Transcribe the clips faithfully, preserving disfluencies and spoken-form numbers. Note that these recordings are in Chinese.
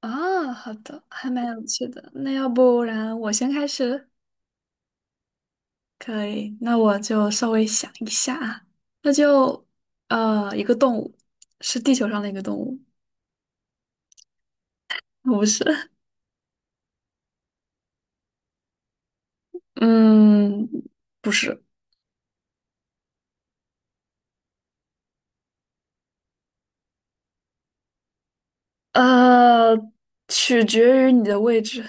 啊，好的，还蛮有趣的。那要不然我先开始，可以？那我就稍微想一下啊，那就呃，一个动物，是地球上的一个动物，不是？嗯，不是。呃，取决于你的位置，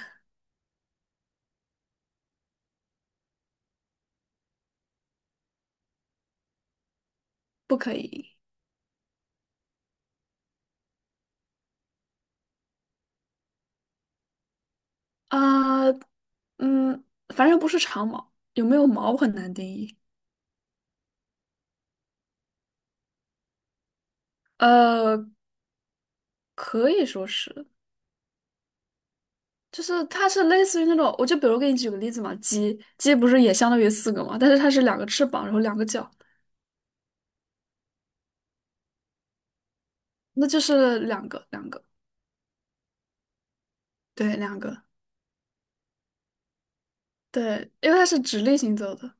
不可以。啊，嗯，反正不是长毛，有没有毛很难定义。呃，可以说是。就是它是类似于那种，我就比如给你举个例子嘛，鸡鸡不是也相当于四个嘛，但是它是两个翅膀，然后两个脚，那就是两个两个，对，两个，对，因为它是直立行走的，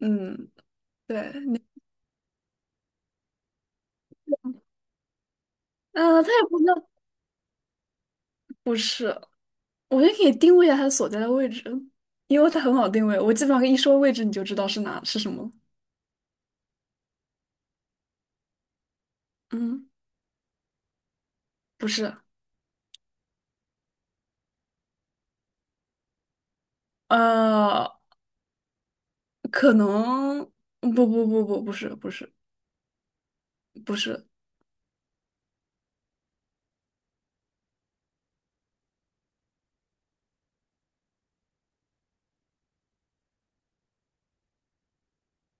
嗯，对你，呃，它也不叫，不是，我觉得可以定位一下它所在的位置，因为它很好定位，我基本上一说位置你就知道是哪是什么，嗯，不是，呃，可能不不不不不是不是不是，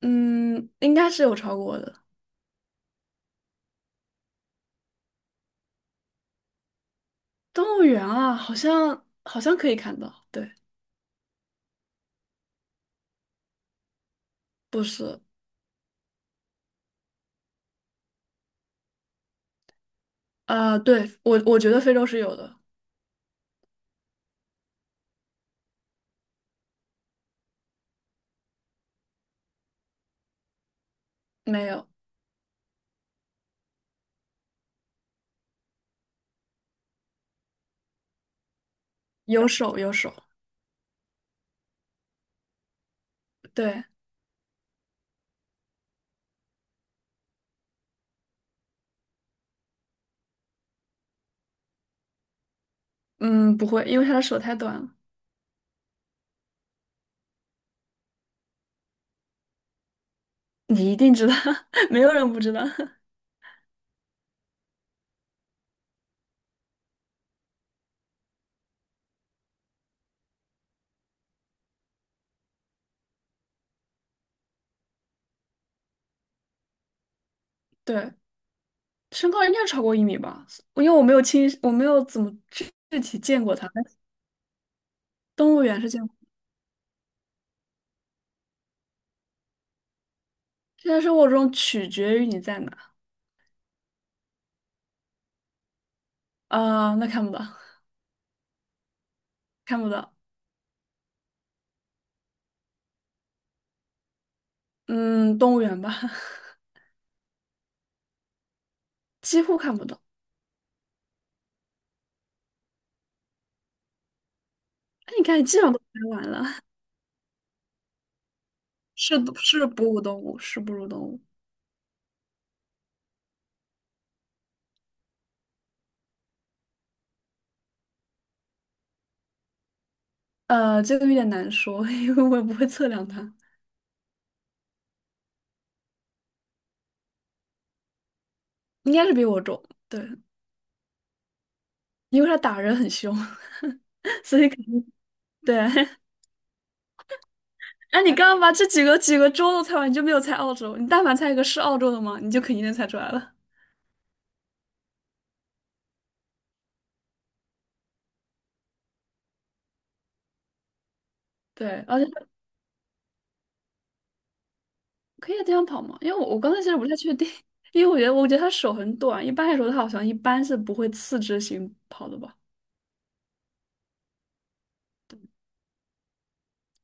嗯，应该是有超过的。动物园啊，好像好像可以看到，对，不是。啊、对，我我觉得非洲是有的，没有，有手有手，对，嗯，不会，因为他的手太短了，你一定知道，没有人不知道，对，身高应该超过一米吧，因为我没有亲，我没有怎么具具体见过他，但是动物园是见过，现在生活中取决于你在哪，啊、那看不到，看不到，嗯，动物园吧，几乎看不到，哎，你看，你基本上都拍完了。是是哺乳动物，是哺乳动物。呃，这个有点难说，因为我也不会测量它，应该是比我重。对，因为它打人很凶，所以肯定对。哎，你刚刚把这几个几个州都猜完，你就没有猜澳洲。你但凡猜一个是澳洲的嘛，你就肯定能猜出来了。对，而且它可以在地上跑嘛，因为我我刚才其实不太确定，因为我觉得我觉得它手很短，一般来说它好像一般是不会四肢行跑的吧。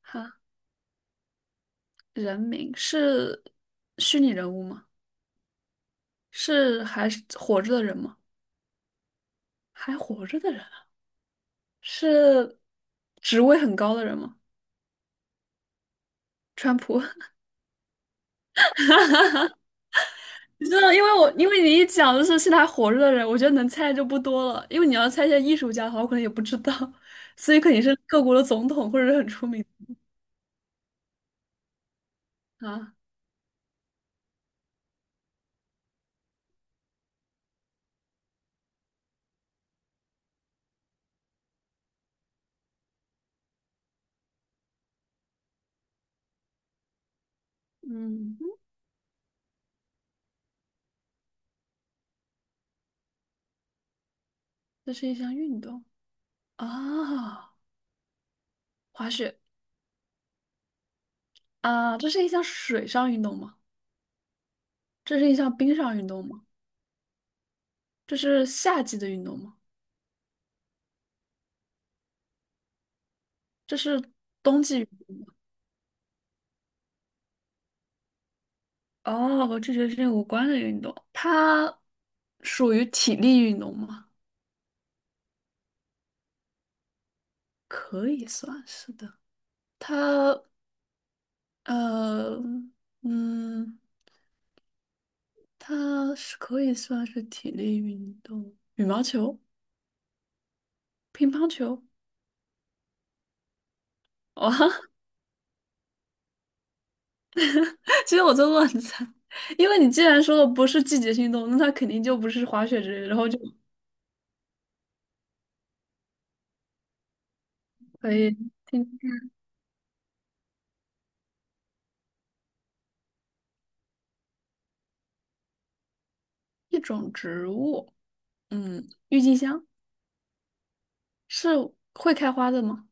哈，人名是虚拟人物吗？是还是活着的人吗？还活着的人啊。是职位很高的人吗？川普，你知道，因为我因为你一讲就是现在还活着的人，我觉得能猜就不多了。因为你要猜一些艺术家的话，我可能也不知道，所以肯定是各国的总统或者是很出名的啊。嗯，这是一项运动啊，滑雪啊，这是一项水上运动吗？这是一项冰上运动吗？这是夏季的运动吗？这是冬季运动吗？哦，和这学期无关的运动，它属于体力运动吗？可以算是的。它呃嗯，它是可以算是体力运动。羽毛球、乒乓球，哇，其实我在乱猜，因为你既然说的不是季节性运动，那它肯定就不是滑雪之类的，然后就可以听一种植物，嗯，郁金香是会开花的吗？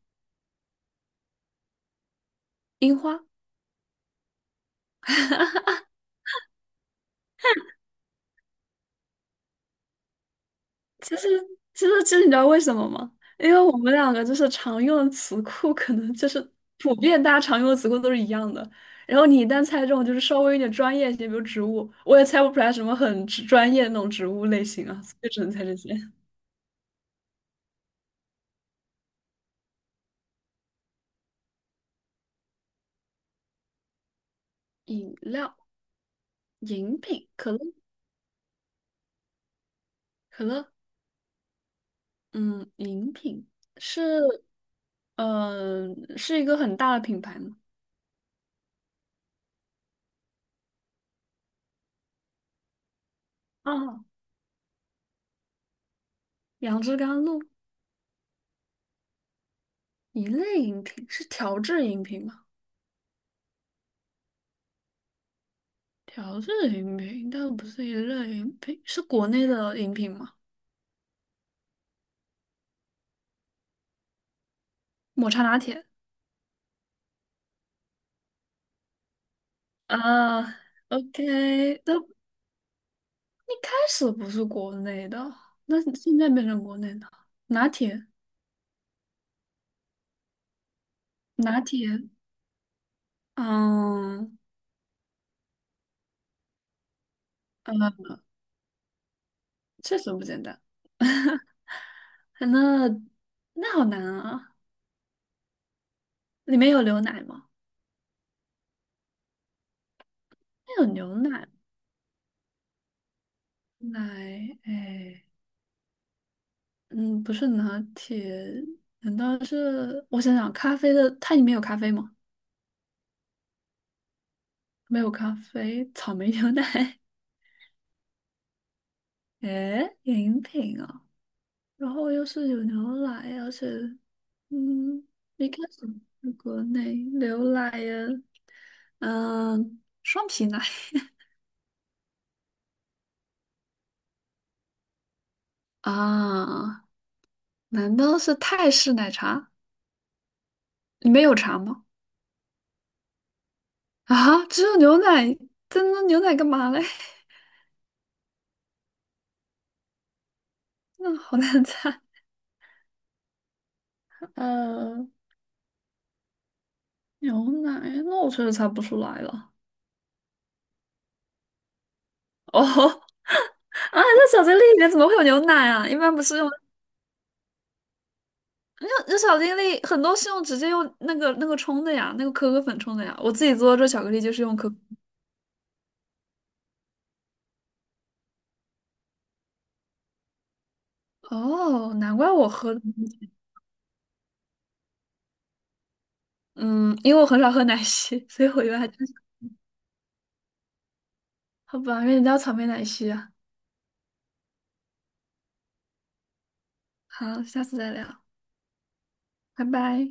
樱花。其实，其实，其实你知道为什么吗？因为我们两个就是常用的词库，可能就是普遍大家常用的词库都是一样的。然后你一旦猜中，就是稍微有点专业一些，比如植物，我也猜不出来什么很植专业的那种植物类型啊，所以只能猜这些。饮料、饮品、可乐、可乐，嗯，饮品是，嗯、是一个很大的品牌吗？啊，杨枝甘露，一类饮品是调制饮品吗？调制饮品，但不是一类饮品，是国内的饮品吗？抹茶拿铁啊，OK，那一开始不是国内的，那现在变成国内的拿铁，拿铁，嗯，呃，确实不简单。那那好难啊！里面有牛奶吗？那有牛奶，奶，哎，嗯，不是拿铁，难道是？我想想，咖啡的，它里面有咖啡吗？没有咖啡，草莓牛奶，诶，饮品啊，然后又是有牛奶，而且，嗯，一开始是国内牛奶呀，嗯，双皮奶啊，难道是泰式奶茶？里面有茶吗？啊，只有牛奶，真的牛奶干嘛嘞？那好难猜，呃，牛奶，那我确实猜不出来了。哦，啊，在小力里面怎么会有牛奶啊？一般不是用。那那这小精灵很多是用直接用那个那个冲的呀，那个可可粉冲的呀。我自己做的这巧克力就是用可可哦，难怪我喝的嗯，因为我很少喝奶昔，所以我以为还真是好吧，原来叫草莓奶昔啊。好，下次再聊，拜拜。